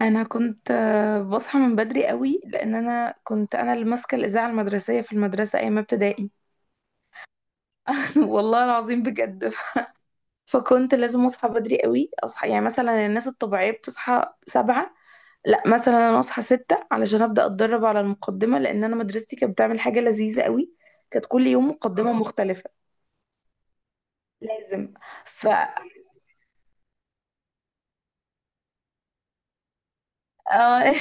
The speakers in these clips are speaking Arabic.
انا كنت بصحى من بدري قوي لان انا اللي ماسكه الاذاعه المدرسيه في المدرسه ايام ابتدائي. والله العظيم بجد. فكنت لازم اصحى بدري قوي، اصحى يعني مثلا الناس الطبيعيه بتصحى 7، لا مثلا انا اصحى 6 علشان ابدا اتدرب على المقدمه، لان انا مدرستي كانت بتعمل حاجه لذيذه قوي. كانت كل يوم مقدمه مختلفه، لازم. ف آه.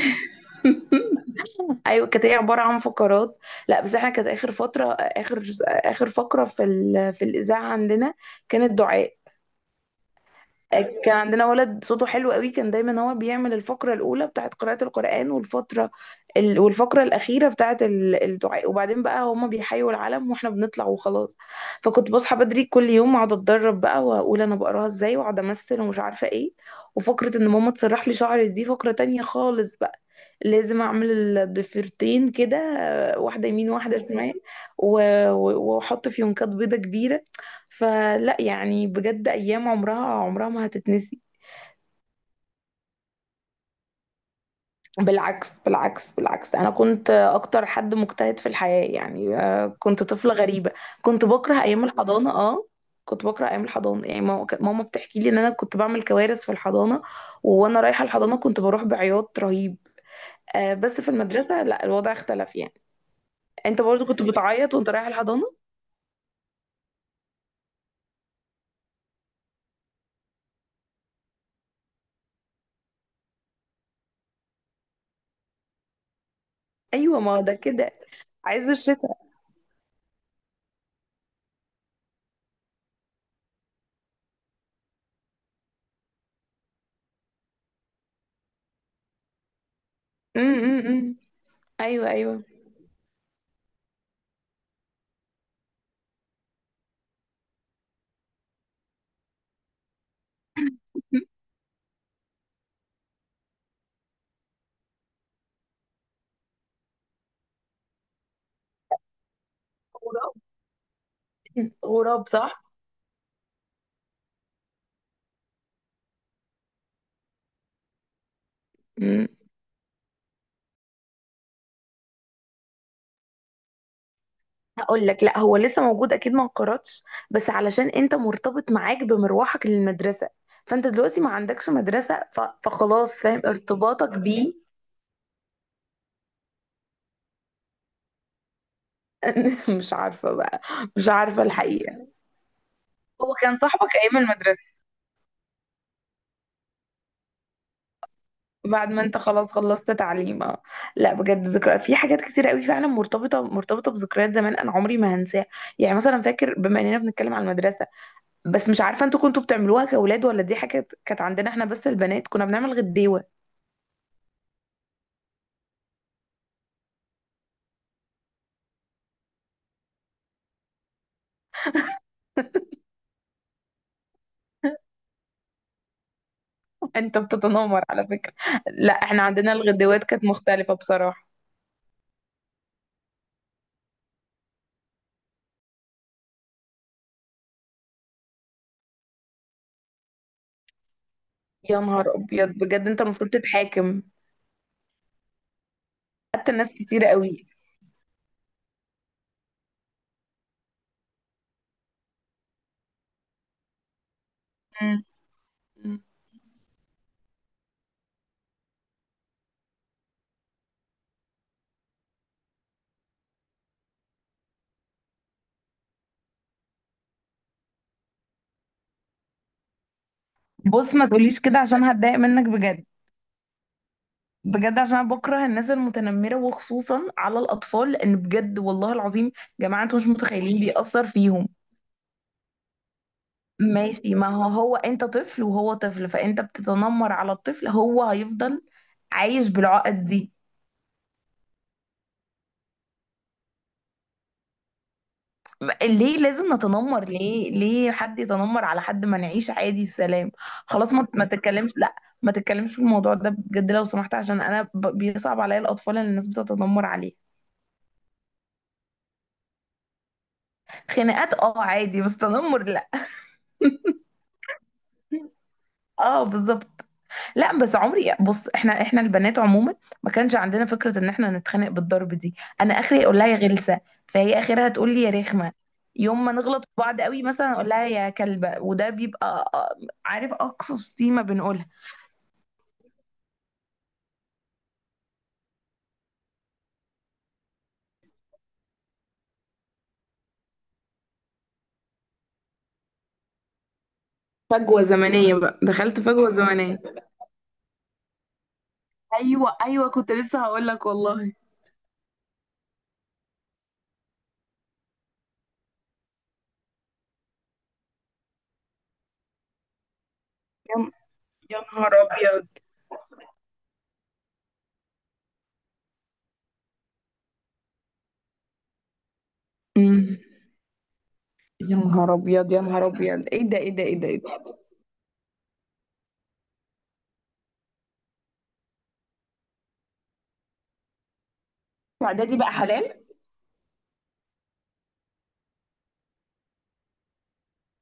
ايوه كانت هي عباره عن فقرات. لا بس احنا كانت اخر فتره، اخر فقره في الاذاعه عندنا كانت دعاء. كان عندنا ولد صوته حلو قوي، كان دايما هو بيعمل الفقرة الأولى بتاعت قراءة القرآن، والفترة والفقرة الأخيرة بتاعت الدعاء، وبعدين بقى هما بيحيوا العلم واحنا بنطلع وخلاص. فكنت بصحى بدري كل يوم، أقعد أتدرب بقى وأقول أنا بقراها إزاي، وأقعد أمثل ومش عارفة إيه. وفقرة إن ماما تسرح لي شعري دي فقرة تانية خالص بقى، لازم أعمل الضفيرتين كده، واحدة يمين واحدة شمال، و- و- وأحط فيونكات بيضة كبيرة. فلا يعني بجد، ايام عمرها عمرها ما هتتنسي. بالعكس بالعكس بالعكس، انا كنت اكتر حد مجتهد في الحياة يعني. كنت طفلة غريبة، كنت بكره ايام الحضانة. اه، كنت بكره ايام الحضانة يعني، ماما بتحكي لي ان انا كنت بعمل كوارث في الحضانة. وانا رايحة الحضانة كنت بروح بعياط رهيب. آه، بس في المدرسة لا الوضع اختلف يعني. انت برضو كنت بتعيط وانت رايح الحضانة؟ ايوه، ما هو ده كده، عايز الشتاء. م- م- م. ايوه ايوه. غراب. غراب صح. مم. هقول لك، لا هو لسه موجود اكيد ما انقرضش، بس علشان انت مرتبط، معاك بمروحك للمدرسه، فانت دلوقتي ما عندكش مدرسه فخلاص، فاهم ارتباطك بيه. مش عارفه بقى، مش عارفه الحقيقه. هو كان صاحبك ايام المدرسه، بعد ما انت خلاص خلصت تعليم. آه. لا بجد ذكرى في حاجات كتير قوي فعلا، مرتبطه بذكريات زمان انا عمري ما هنساها. يعني مثلا فاكر، بما اننا بنتكلم عن المدرسه، بس مش عارفه انتوا كنتوا بتعملوها كاولاد ولا دي حاجه كانت عندنا احنا بس البنات، كنا بنعمل غديوه. انت بتتنمر على فكرة. لا، احنا عندنا الغدوات كانت مختلفة بصراحة. يا نهار ابيض بجد انت المفروض تتحاكم، حتى ناس كتير قوي. مم. مم. بص ما تقوليش كده عشان هتضايق منك بجد. بجد عشان انا بكره الناس المتنمرة وخصوصا على الاطفال، لان بجد والله العظيم يا جماعة، انتوا مش متخيلين بيأثر فيهم. ماشي، ما هو هو انت طفل وهو طفل، فانت بتتنمر على الطفل، هو هيفضل عايش بالعقد دي. ليه لازم نتنمر؟ ليه؟ ليه حد يتنمر على حد؟ ما نعيش عادي في سلام. خلاص ما تتكلمش، لا ما تتكلمش في الموضوع ده بجد لو سمحت، عشان انا بيصعب عليا الاطفال اللي الناس بتتنمر عليه. خناقات اه عادي، بس تنمر لا. اه بالظبط. لا بس عمري، بص احنا، البنات عموما ما كانش عندنا فكرة ان احنا نتخانق بالضرب دي. انا اخري اقول لها يا غلسة، فهي اخرها تقول لي يا رخمة. يوم ما نغلط في بعض قوي مثلا اقول لها يا كلبة، وده بيبقى عارف، اقصى شتيمة بنقولها. فجوة زمنية بقى، دخلت فجوة زمنية. ايوه ايوه كنت لسه هقول لك والله. يا يا نهار ابيض. أمم. يا نهار ابيض يا نهار ابيض، ايه ده ايه ده ايه ده ايه ده. اعدادي بقى حلال.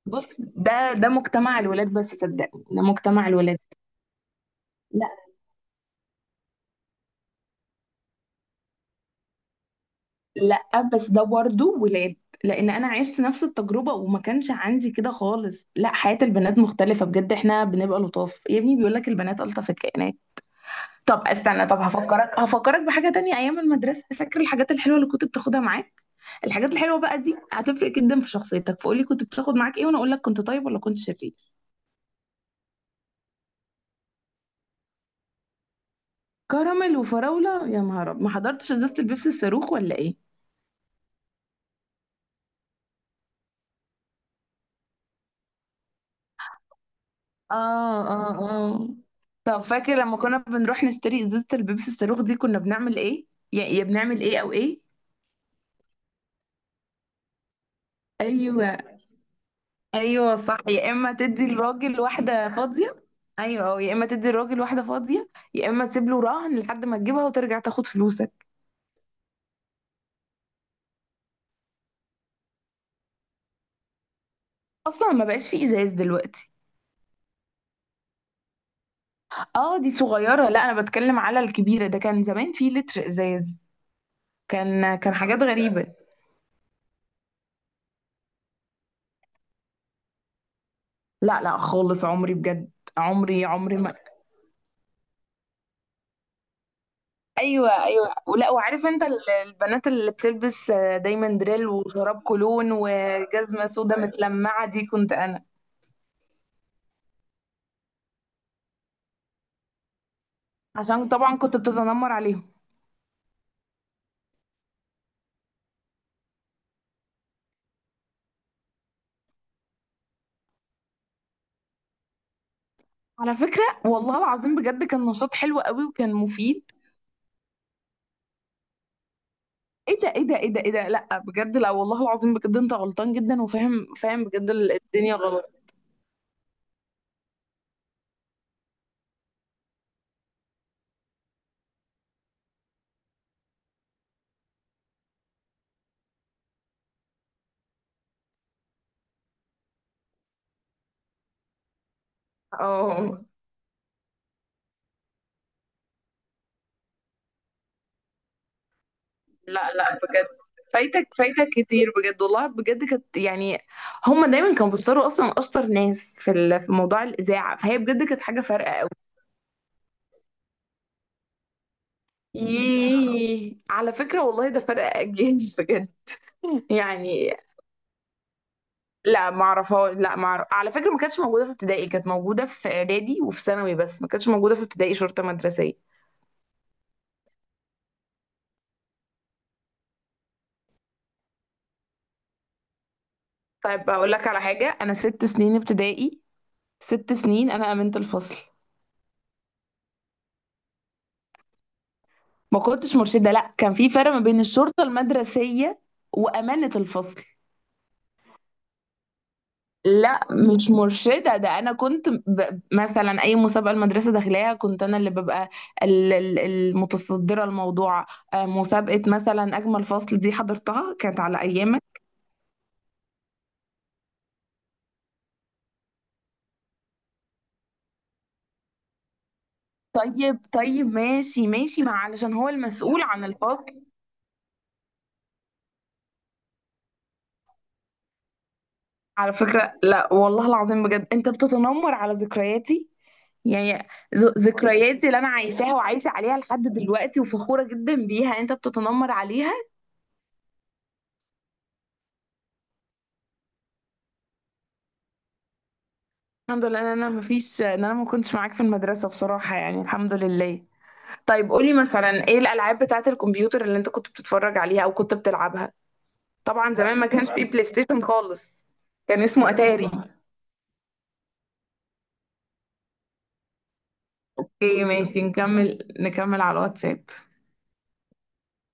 بص ده مجتمع الولاد، بس صدقني ده مجتمع الولاد. لا لا، بس ده برضه ولاد، لان انا عشت نفس التجربه وما كانش عندي كده خالص. لا، حياه البنات مختلفه بجد، احنا بنبقى لطاف، يا ابني بيقول لك البنات الطف الكائنات. طب استنى، طب هفكرك، هفكرك بحاجة تانية. أيام المدرسة، فاكر الحاجات الحلوة اللي كنت بتاخدها معاك؟ الحاجات الحلوة بقى دي هتفرق جدا في شخصيتك، فقولي كنت بتاخد معاك إيه وأنا أقول لك كنت طيب ولا كنت شرير. كراميل وفراولة يا نهار أبيض. ما حضرتش إزازة البيبسي الصاروخ ولا إيه؟ اه اه اه. طب فاكر لما كنا بنروح نشتري إزازة البيبسي الصاروخ دي كنا بنعمل إيه؟ يا بنعمل إيه أو إيه؟ ايوه ايوه صح، يا اما تدي الراجل واحده فاضيه. ايوه، أو يا اما تدي الراجل واحده فاضيه، يا اما تسيب له رهن لحد ما تجيبها وترجع تاخد فلوسك. اصلا ما بقاش في ازاز دلوقتي. اه دي صغيره، لا انا بتكلم على الكبيره، ده كان زمان في لتر ازاز. كان حاجات غريبه. لا لا خالص، عمري بجد، عمري ما. ايوه ايوه ولا، وعارف انت البنات اللي بتلبس دايما دريل وشراب كولون وجزمه سودا متلمعه دي، كنت انا. عشان طبعا كنت بتتنمر عليهم. على فكرة والله العظيم بجد كان نشاط حلو قوي وكان مفيد. ايه ده ايه ده ايه ده ايه ده، لا بجد، لا والله العظيم بجد انت غلطان جدا، وفاهم فاهم بجد الدنيا غلط. اه. لا لا بجد، فايتك فايتك كتير بجد والله، بجد كانت يعني، هم دايما كانوا بيختاروا اصلا اشطر ناس في في موضوع الاذاعة، فهي بجد كانت حاجة فارقة قوي. ياه. على فكرة والله ده فرق اجيال. بجد يعني. لا ما اعرفها، لا ما أعرف. على فكره ما كانتش موجوده في ابتدائي، كانت موجوده في اعدادي وفي ثانوي، بس ما كانتش موجوده في ابتدائي شرطه مدرسيه. طيب هقول لك على حاجه، انا 6 سنين ابتدائي، 6 سنين انا امينه الفصل. ما كنتش مرشده، لا كان في فرق ما بين الشرطه المدرسيه وامانه الفصل. لا مش مرشدة، ده أنا كنت مثلا أي مسابقة المدرسة داخلاها كنت أنا اللي ببقى المتصدرة الموضوع. مسابقة مثلا أجمل فصل دي حضرتها كانت على أيام. طيب طيب ماشي ماشي، ما علشان هو المسؤول عن الفصل. على فكرة لا والله العظيم بجد انت بتتنمر على ذكرياتي يعني. ذكرياتي اللي انا عايشاها وعايشة عليها لحد دلوقتي وفخورة جدا بيها، انت بتتنمر عليها. الحمد لله ان انا مفيش، ان انا ما كنتش معاك في المدرسة بصراحة يعني الحمد لله. طيب قولي مثلا ايه الالعاب بتاعة الكمبيوتر اللي انت كنت بتتفرج عليها او كنت بتلعبها؟ طبعا زمان ما كانش فيه بلاي ستيشن خالص، كان اسمه اتاري. اوكي ماشي، نكمل نكمل على الواتساب.